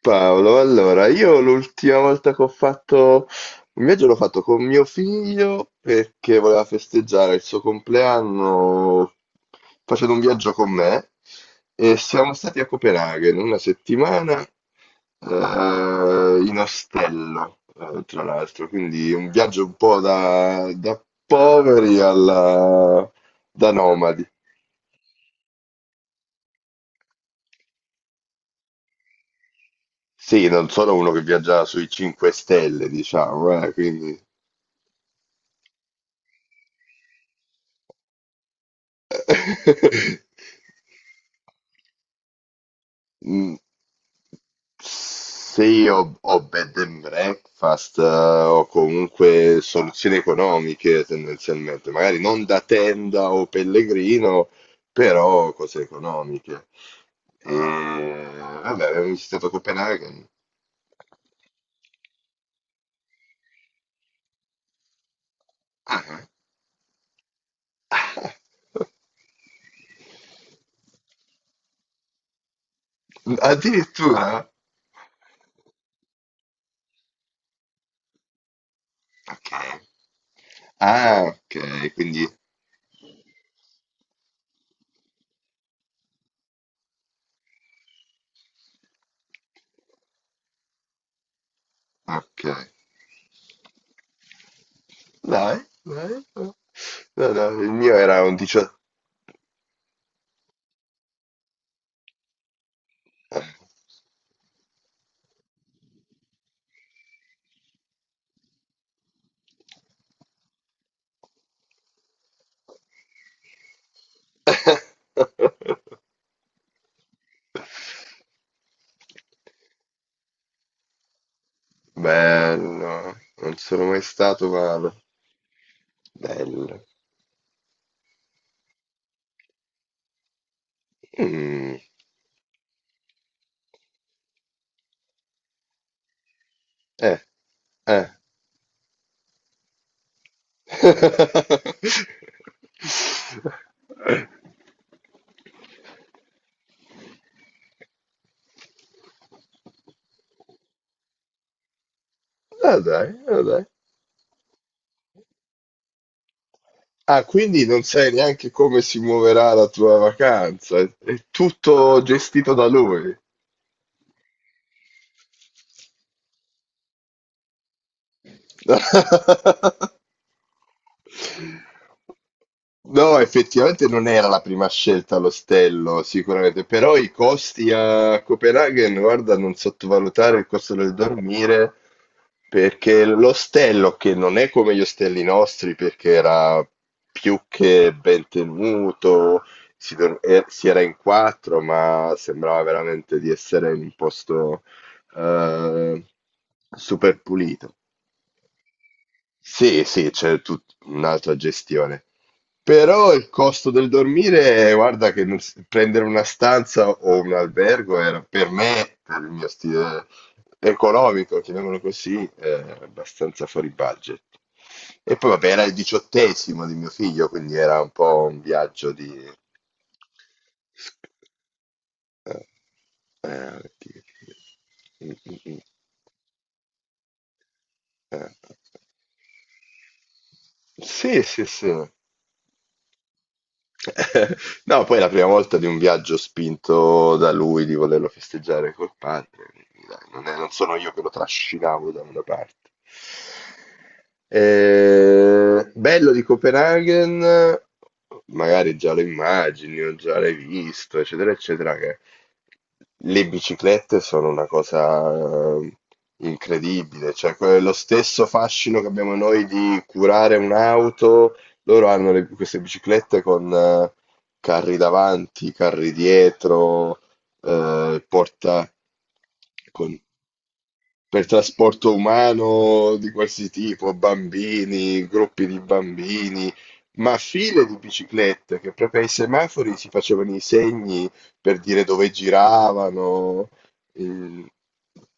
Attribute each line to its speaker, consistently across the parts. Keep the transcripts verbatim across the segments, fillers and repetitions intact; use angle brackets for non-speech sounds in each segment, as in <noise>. Speaker 1: Paolo, allora, io l'ultima volta che ho fatto un viaggio l'ho fatto con mio figlio perché voleva festeggiare il suo compleanno facendo un viaggio con me e siamo stati a Copenaghen una settimana, eh, in ostello, eh, tra l'altro, quindi un viaggio un po' da, da poveri alla, da nomadi. Sì, non sono uno che viaggia sui cinque stelle, diciamo, eh, quindi... <laughs> Mm, se io ho ho bed and breakfast, eh, o comunque soluzioni economiche tendenzialmente, magari non da tenda o pellegrino, però cose economiche. E vabbè, avevo visitato Copenaghen. Ah, ah. <laughs> Addirittura? Ok. Ah, ok, quindi ok. Dai, dai. Ok. No, no, il mio era un diciotto. <laughs> Bello, non sono mai stato, ma bello. Mm, eh, eh. <laughs> Ah dai, ah dai. Ah, quindi non sai neanche come si muoverà la tua vacanza. È, è tutto gestito da lui. <laughs> No, effettivamente non era la prima scelta l'ostello, sicuramente, però i costi a Copenaghen, guarda, non sottovalutare il costo del dormire, perché l'ostello, che non è come gli ostelli nostri, perché era più che ben tenuto, si, dor- eh, si era in quattro, ma sembrava veramente di essere in un posto eh, super pulito. Sì, sì, c'è tut un'altra gestione. Però il costo del dormire, guarda che non s- prendere una stanza o un albergo era per me, per il mio stile economico, chiamiamolo così, eh, abbastanza fuori budget. E poi vabbè, era il diciottesimo di mio figlio, quindi era un po' un viaggio di... Eh, eh, di- Mm, mm, mm. Eh, sì, sì, sì. <laughs> No, poi è la prima volta di un viaggio spinto da lui di volerlo festeggiare col padre, quindi dai, non è- non sono io che lo trascinavo da una parte. Eh, bello di Copenaghen, magari già lo immagini o già l'hai visto, eccetera, eccetera, che le biciclette sono una cosa eh, incredibile, cioè que- lo stesso fascino che abbiamo noi di curare un'auto, loro hanno le- queste biciclette con, eh, carri davanti, carri dietro, eh, porta con- per trasporto umano di qualsiasi tipo, bambini, gruppi di bambini, ma file di biciclette che proprio ai semafori si facevano i segni per dire dove giravano, il-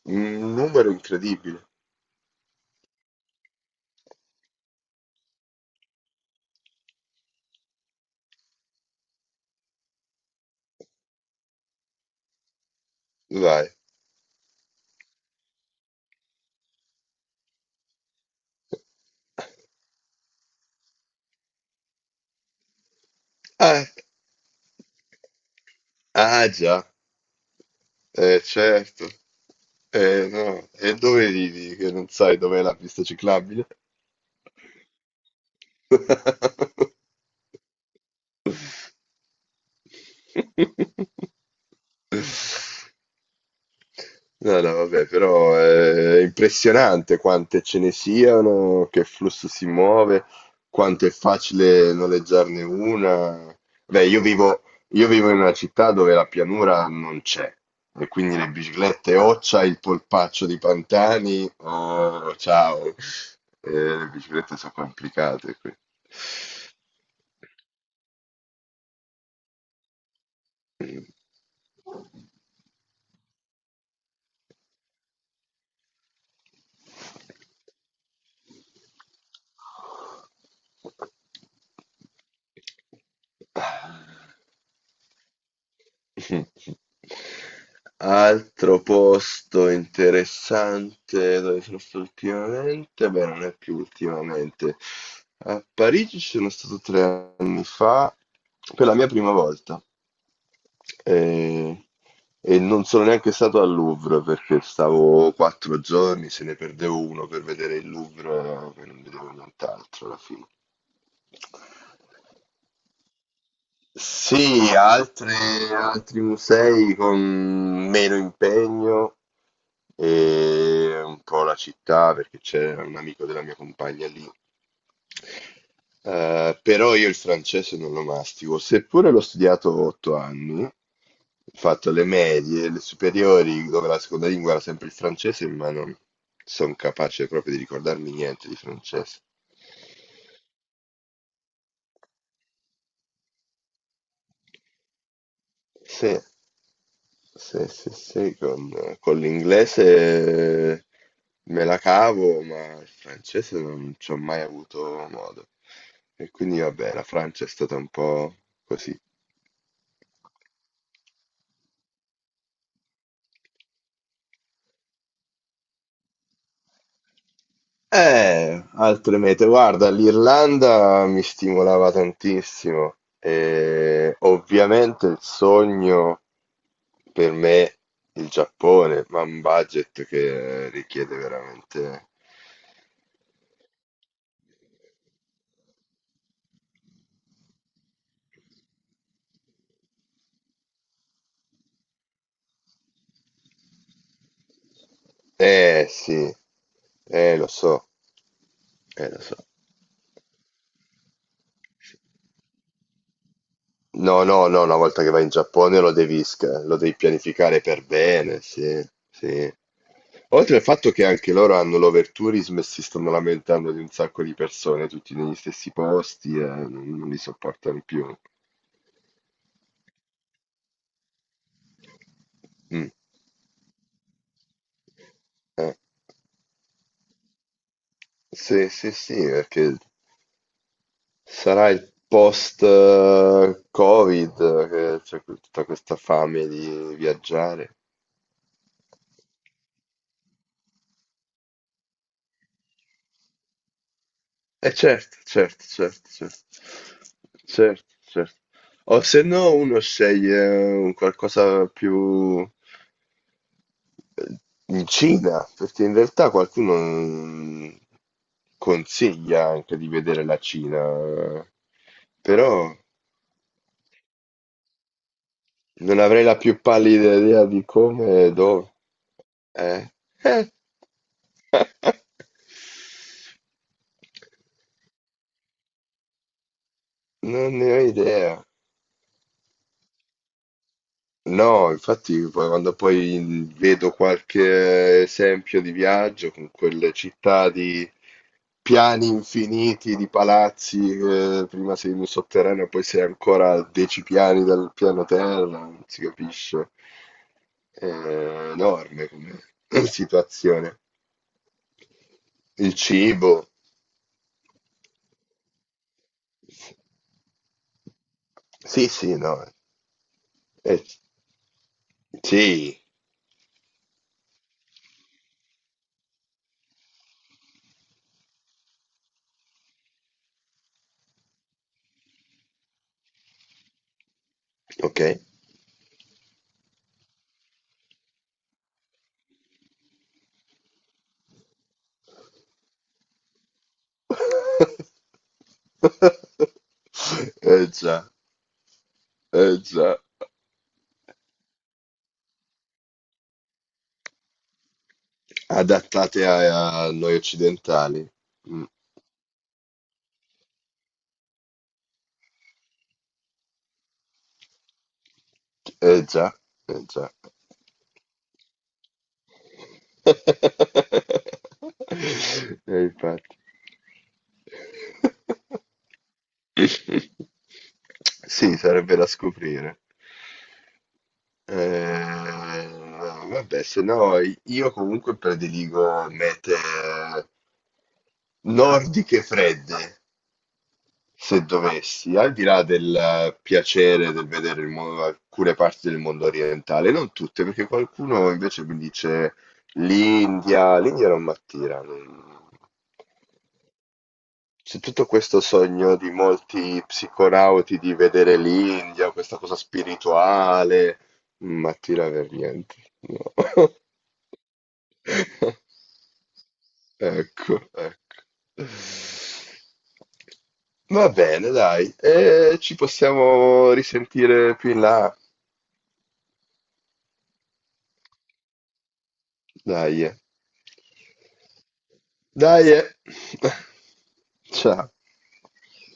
Speaker 1: un numero incredibile. Dai. Ah, ah, già. Eh, certo. Eh, no. E dove ridi che non sai dov'è la pista ciclabile? <laughs> No, no, vabbè, però è impressionante quante ce ne siano, che flusso si muove, quanto è facile noleggiarne una. Beh, io vivo, io vivo in una città dove la pianura non c'è, e quindi le biciclette o c'hai il polpaccio di Pantani o ciao. Eh, le biciclette sono complicate qui. Ah. <laughs> Altro posto interessante dove sono stato ultimamente, beh, non è più ultimamente. A Parigi ci sono stato tre anni fa per la mia prima volta e, e non sono neanche stato al Louvre perché stavo quattro giorni, se ne perdevo uno per vedere il Louvre e non vedevo nient'altro alla fine. Sì, altre, altri musei con meno impegno e un po' la città perché c'è un amico della mia compagna lì. Eh, però io il francese non lo mastico, seppure l'ho studiato otto anni, ho fatto le medie, le superiori, dove la seconda lingua era sempre il francese, ma non sono capace proprio di ricordarmi niente di francese. Sì. Sì, sì, sì, con, con l'inglese me la cavo, ma il francese non ci ho mai avuto modo. E quindi vabbè, la Francia è stata un po' così. Eh, altre mete, guarda, l'Irlanda mi stimolava tantissimo e ovviamente il sogno per me il Giappone, ma un budget che richiede veramente... Eh sì, eh lo so, eh lo so. No, no, no, una volta che vai in Giappone lo devi, sca- lo devi pianificare per bene, sì, sì. Oltre al fatto che anche loro hanno l'overtourism e si stanno lamentando di un sacco di persone, tutti negli stessi posti, e non, non li sopportano più. Mm, eh. Sì, sì, sì, perché sarà il post-Covid che c'è que- tutta questa fame di viaggiare. Eh certo, certo, certo, certo, certo, certo. O se no uno sceglie, eh, un qualcosa più eh, in Cina, perché in realtà qualcuno, mm, consiglia anche di vedere la Cina, però non avrei la più pallida idea di come e dove. Eh, eh. <laughs> Non ne ho idea. No, infatti poi quando poi vedo qualche esempio di viaggio con quelle città di piani infiniti, di palazzi, eh, prima sei in un sotterraneo, poi sei ancora a dieci piani dal piano terra, non si capisce. È enorme come <laughs> <clears throat> situazione. Il cibo, sì, sì, no, eh, sì, ok. <laughs> Eh già, eh già. Adattate a, a noi occidentali. Mm, eh già, eh già. <laughs> Eh, infatti. Sì, sarebbe da scoprire. Eh, vabbè, se no io comunque prediligo mete, eh, nordiche fredde. Se dovessi, al di là del, eh, piacere del vedere il mo- alcune parti del mondo orientale, non tutte, perché qualcuno invece mi dice l'India, l'India non mi attira. non- C'è tutto questo sogno di molti psiconauti di vedere l'India, questa cosa spirituale, non mi attira per niente. No. <laughs> Ecco, ecco. Va bene, dai, e ci possiamo risentire più in là. Dai, eh. Dai. Eh. <laughs> Ciao.